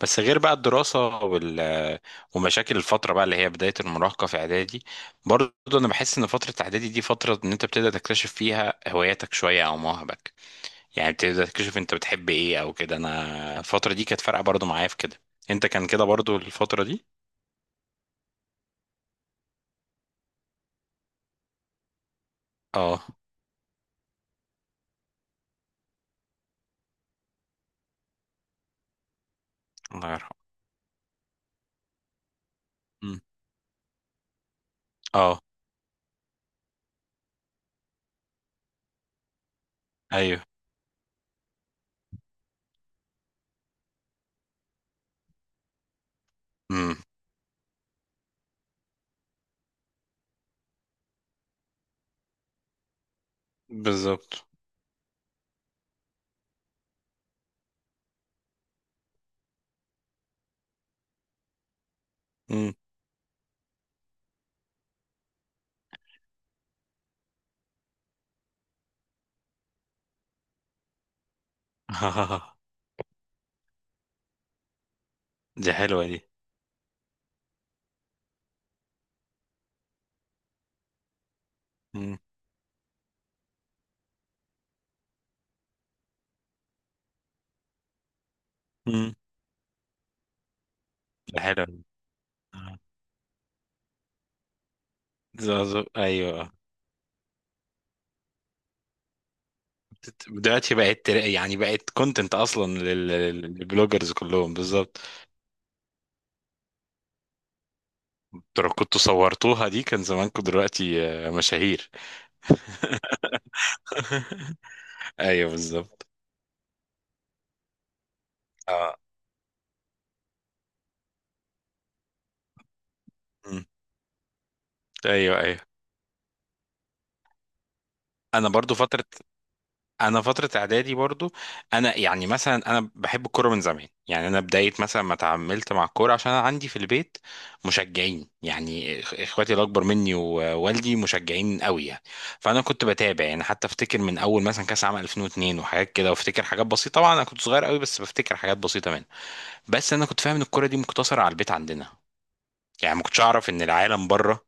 بس غير بقى الدراسة ومشاكل الفترة بقى اللي هي بداية المراهقة في إعدادي. برضه أنا بحس إن فترة إعدادي دي فترة إن أنت بتبدأ تكتشف فيها هواياتك شوية أو مواهبك، يعني بتبدأ تكتشف أنت بتحب إيه أو كده. أنا الفترة دي كانت فارقة برضه معايا في كده. أنت كان كده برضه الفترة دي؟ أه. الله يرحمه. أمم. أه. أيوه. أمم. بالظبط. أمم. دي حلوة دي. أمم. أمم. دي حلوة دي. آه. زازو. أيوه. دلوقتي بقت يعني بقت كونتنت اصلا للبلوجرز كلهم، بالظبط. انتوا لو كنتوا صورتوها دي كان زمانكم دلوقتي مشاهير. ايوه بالظبط. اه. مم. ايوه ايوه. انا برضو فتره انا فتره اعدادي برضو. انا يعني مثلا انا بحب الكوره من زمان، يعني انا بدايه مثلا ما اتعاملت مع الكوره عشان انا عندي في البيت مشجعين، يعني اخواتي الاكبر مني ووالدي مشجعين قوي يعني. فانا كنت بتابع يعني، حتى افتكر من اول مثلا كاس عام 2002 وحاجات كده، وافتكر حاجات بسيطه طبعا انا كنت صغير قوي، بس بفتكر حاجات بسيطه منها. بس انا كنت فاهم ان الكوره دي مقتصره على البيت عندنا، يعني ما كنتش اعرف ان العالم بره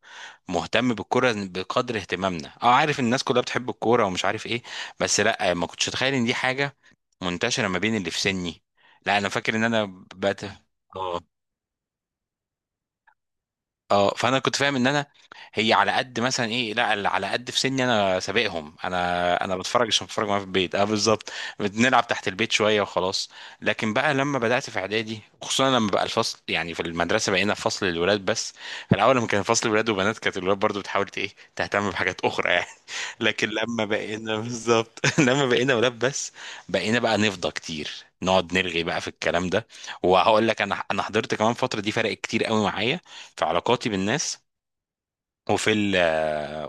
مهتم بالكوره بقدر اهتمامنا. اه، عارف الناس كلها بتحب الكوره ومش عارف ايه، بس لا ما كنتش اتخيل ان دي حاجه منتشره ما بين اللي في سني. لا انا فاكر ان انا بقت. اه اه، فانا كنت فاهم ان انا هي على قد مثلا ايه، لا على قد في سني انا سابقهم، انا بتفرج عشان بتفرج معاهم في البيت. اه بالظبط. بنلعب تحت البيت شويه وخلاص. لكن بقى لما بدات في اعدادي خصوصا لما بقى الفصل يعني في المدرسه بقينا في فصل للولاد بس، في الاول لما كان فصل ولاد وبنات كانت الولاد برضو بتحاول ايه تهتم بحاجات اخرى يعني. لكن لما بقينا بالظبط لما بقينا ولاد بس بقينا بقى نفضى كتير، نقعد نرغي بقى في الكلام ده. وهقول لك انا حضرت كمان، فتره دي فرق كتير قوي معايا في علاقاتي بالناس، وفي ال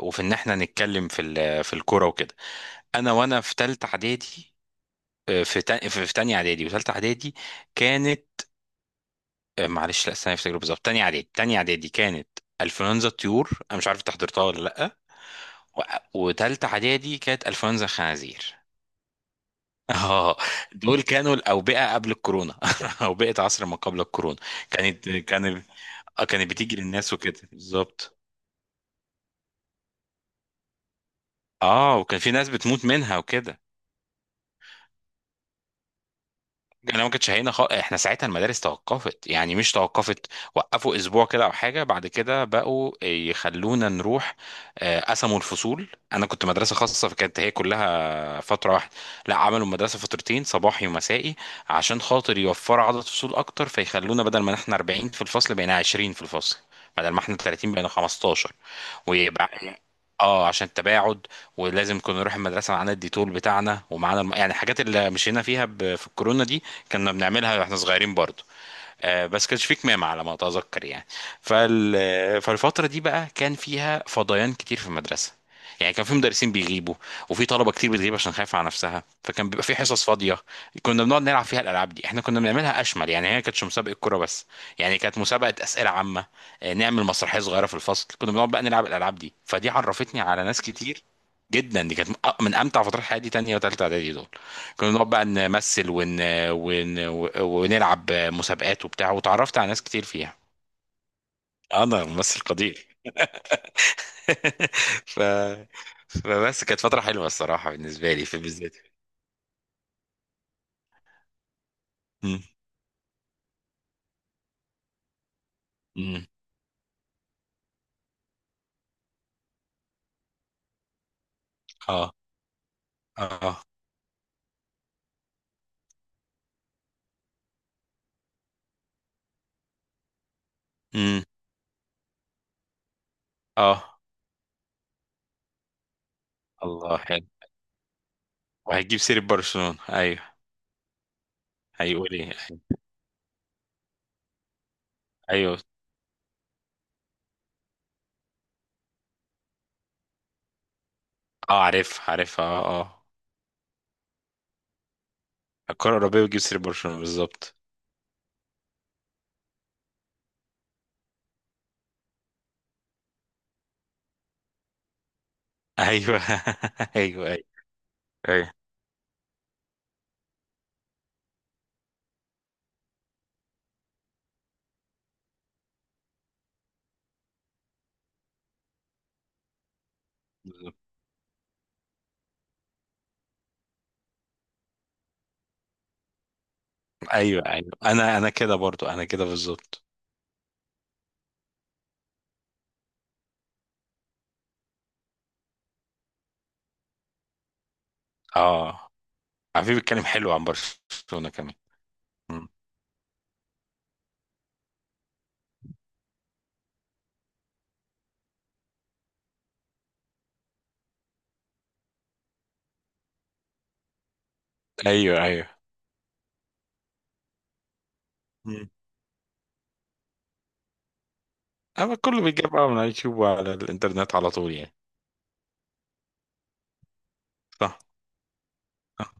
وفي ان احنا نتكلم في الكوره وكده. انا وانا في ثالثه اعدادي. في في تانية اعدادي وثالثه اعدادي كانت. معلش لا استنى افتكر بالظبط، تانية اعدادي. تانية اعدادي كانت انفلونزا الطيور، انا مش عارف انت حضرتها ولا لا. و- وتالتة اعدادي كانت انفلونزا الخنازير. اه. دول كانوا الاوبئه قبل الكورونا. اوبئه عصر ما قبل الكورونا. كانت كانت كانت بتيجي للناس وكده بالظبط. اه وكان في ناس بتموت منها وكده. انا ما كنتش هنا خ... احنا ساعتها المدارس توقفت، يعني مش توقفت، وقفوا اسبوع كده او حاجه بعد كده بقوا يخلونا نروح. قسموا الفصول، انا كنت مدرسه خاصه فكانت هي كلها فترة واحدة، لا، عملوا المدرسة فترتين، صباحي ومسائي، عشان خاطر يوفروا عدد فصول أكتر، فيخلونا بدل ما احنا 40 في الفصل بقينا 20 في الفصل، بدل ما احنا 30 بقينا 15. ويبقى. اه عشان التباعد. ولازم كنا نروح المدرسه معانا الديتول بتاعنا ومعانا يعني الحاجات اللي مشينا فيها في الكورونا دي، كنا بنعملها واحنا صغيرين برضو. بس كانش في كمامة على ما أتذكر يعني. فالفترة دي بقى كان فيها فضيان كتير في المدرسة، يعني كان في مدرسين بيغيبوا وفي طلبة كتير بتغيب عشان خايفة على نفسها، فكان بيبقى في حصص فاضية كنا بنقعد نلعب فيها الألعاب دي. احنا كنا بنعملها أشمل يعني، هي ما كانتش مسابقة كورة بس، يعني كانت مسابقة أسئلة عامة، نعمل مسرحية صغيرة في الفصل، كنا بنقعد بقى نلعب الألعاب دي، فدي عرفتني على ناس كتير جدا. دي كانت من من امتع فترات حياتي، تانية وتالتة اعدادي دول. كنا بنقعد بقى نمثل ون... ونلعب مسابقات وبتاع وتعرفت على ناس كتير فيها. انا ممثل قدير. ف... فبس كانت فترة حلوة الصراحة بالنسبة لي في بالذات. مم. مم. اه اه. مم. اه الله حلو، وهيجيب سيرة برشلونة ايوه. هيقول ايه؟ ايوه. اه عارف عارف اه اه، الكرة الأوروبية بتجيب سيرة برشلونة بالظبط. ايوه. ايوه ايوه. ايوه ايوه ايوه، انا كده برضو، انا كده بالظبط. اه، عفيف بيتكلم حلو عن برشلونة كمان. مم. ايوه ايوه. مم. اما كله بيجيب بقى من على اليوتيوب وعلى الانترنت على طول يعني. صح صح.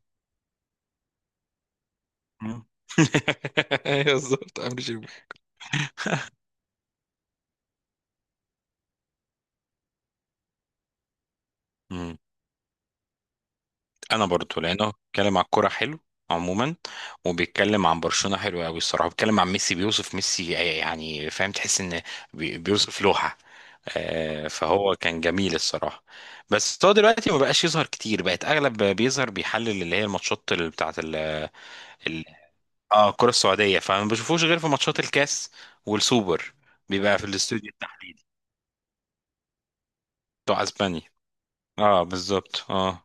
مم. ايوه بالظبط عامل شبه. مم. انا برضو لانه بيتكلم على الكوره حلو عموما، وبيتكلم عن برشلونه حلو قوي الصراحه، بيتكلم عن ميسي، بيوصف ميسي يعني، فاهم تحس ان بيوصف لوحه، فهو كان جميل الصراحه. بس هو دلوقتي ما بقاش يظهر كتير، بقت اغلب بيظهر بيحلل اللي هي الماتشات اللي بتاعت اه الكرة السعودية، فما بشوفوش غير في ماتشات الكاس والسوبر، بيبقى في الاستوديو التحليلي بتوع اسبانيا. اه بالظبط. اه.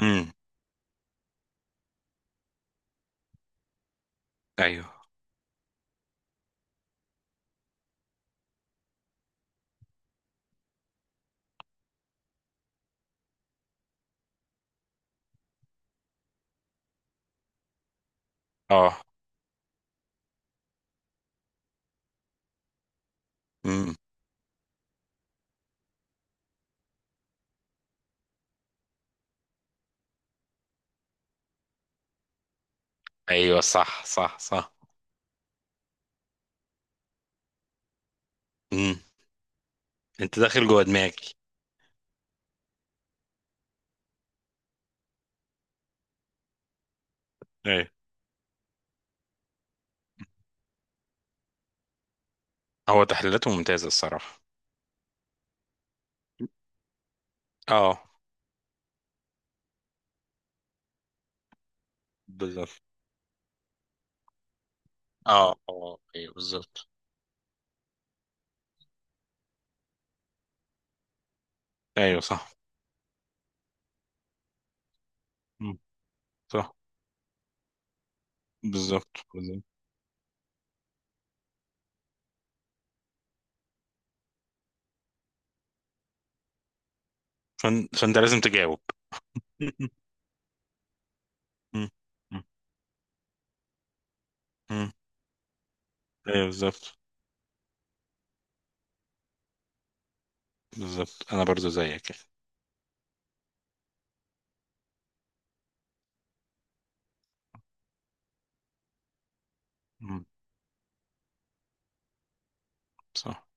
امم. ايوه. اه. امم. ايوه. صح صح صح. امم. انت داخل جوه دماغي. ايوه. هو تحليلاته ممتازة الصراحة. اه بالظبط. اه اه ايوه بالظبط. ايوه صح. مم. صح بالظبط بالظبط. فانت لازم تجاوب. مم. مم. مم. ايوه بالظبط بالظبط. انا برضو زيك كده. مم. صح.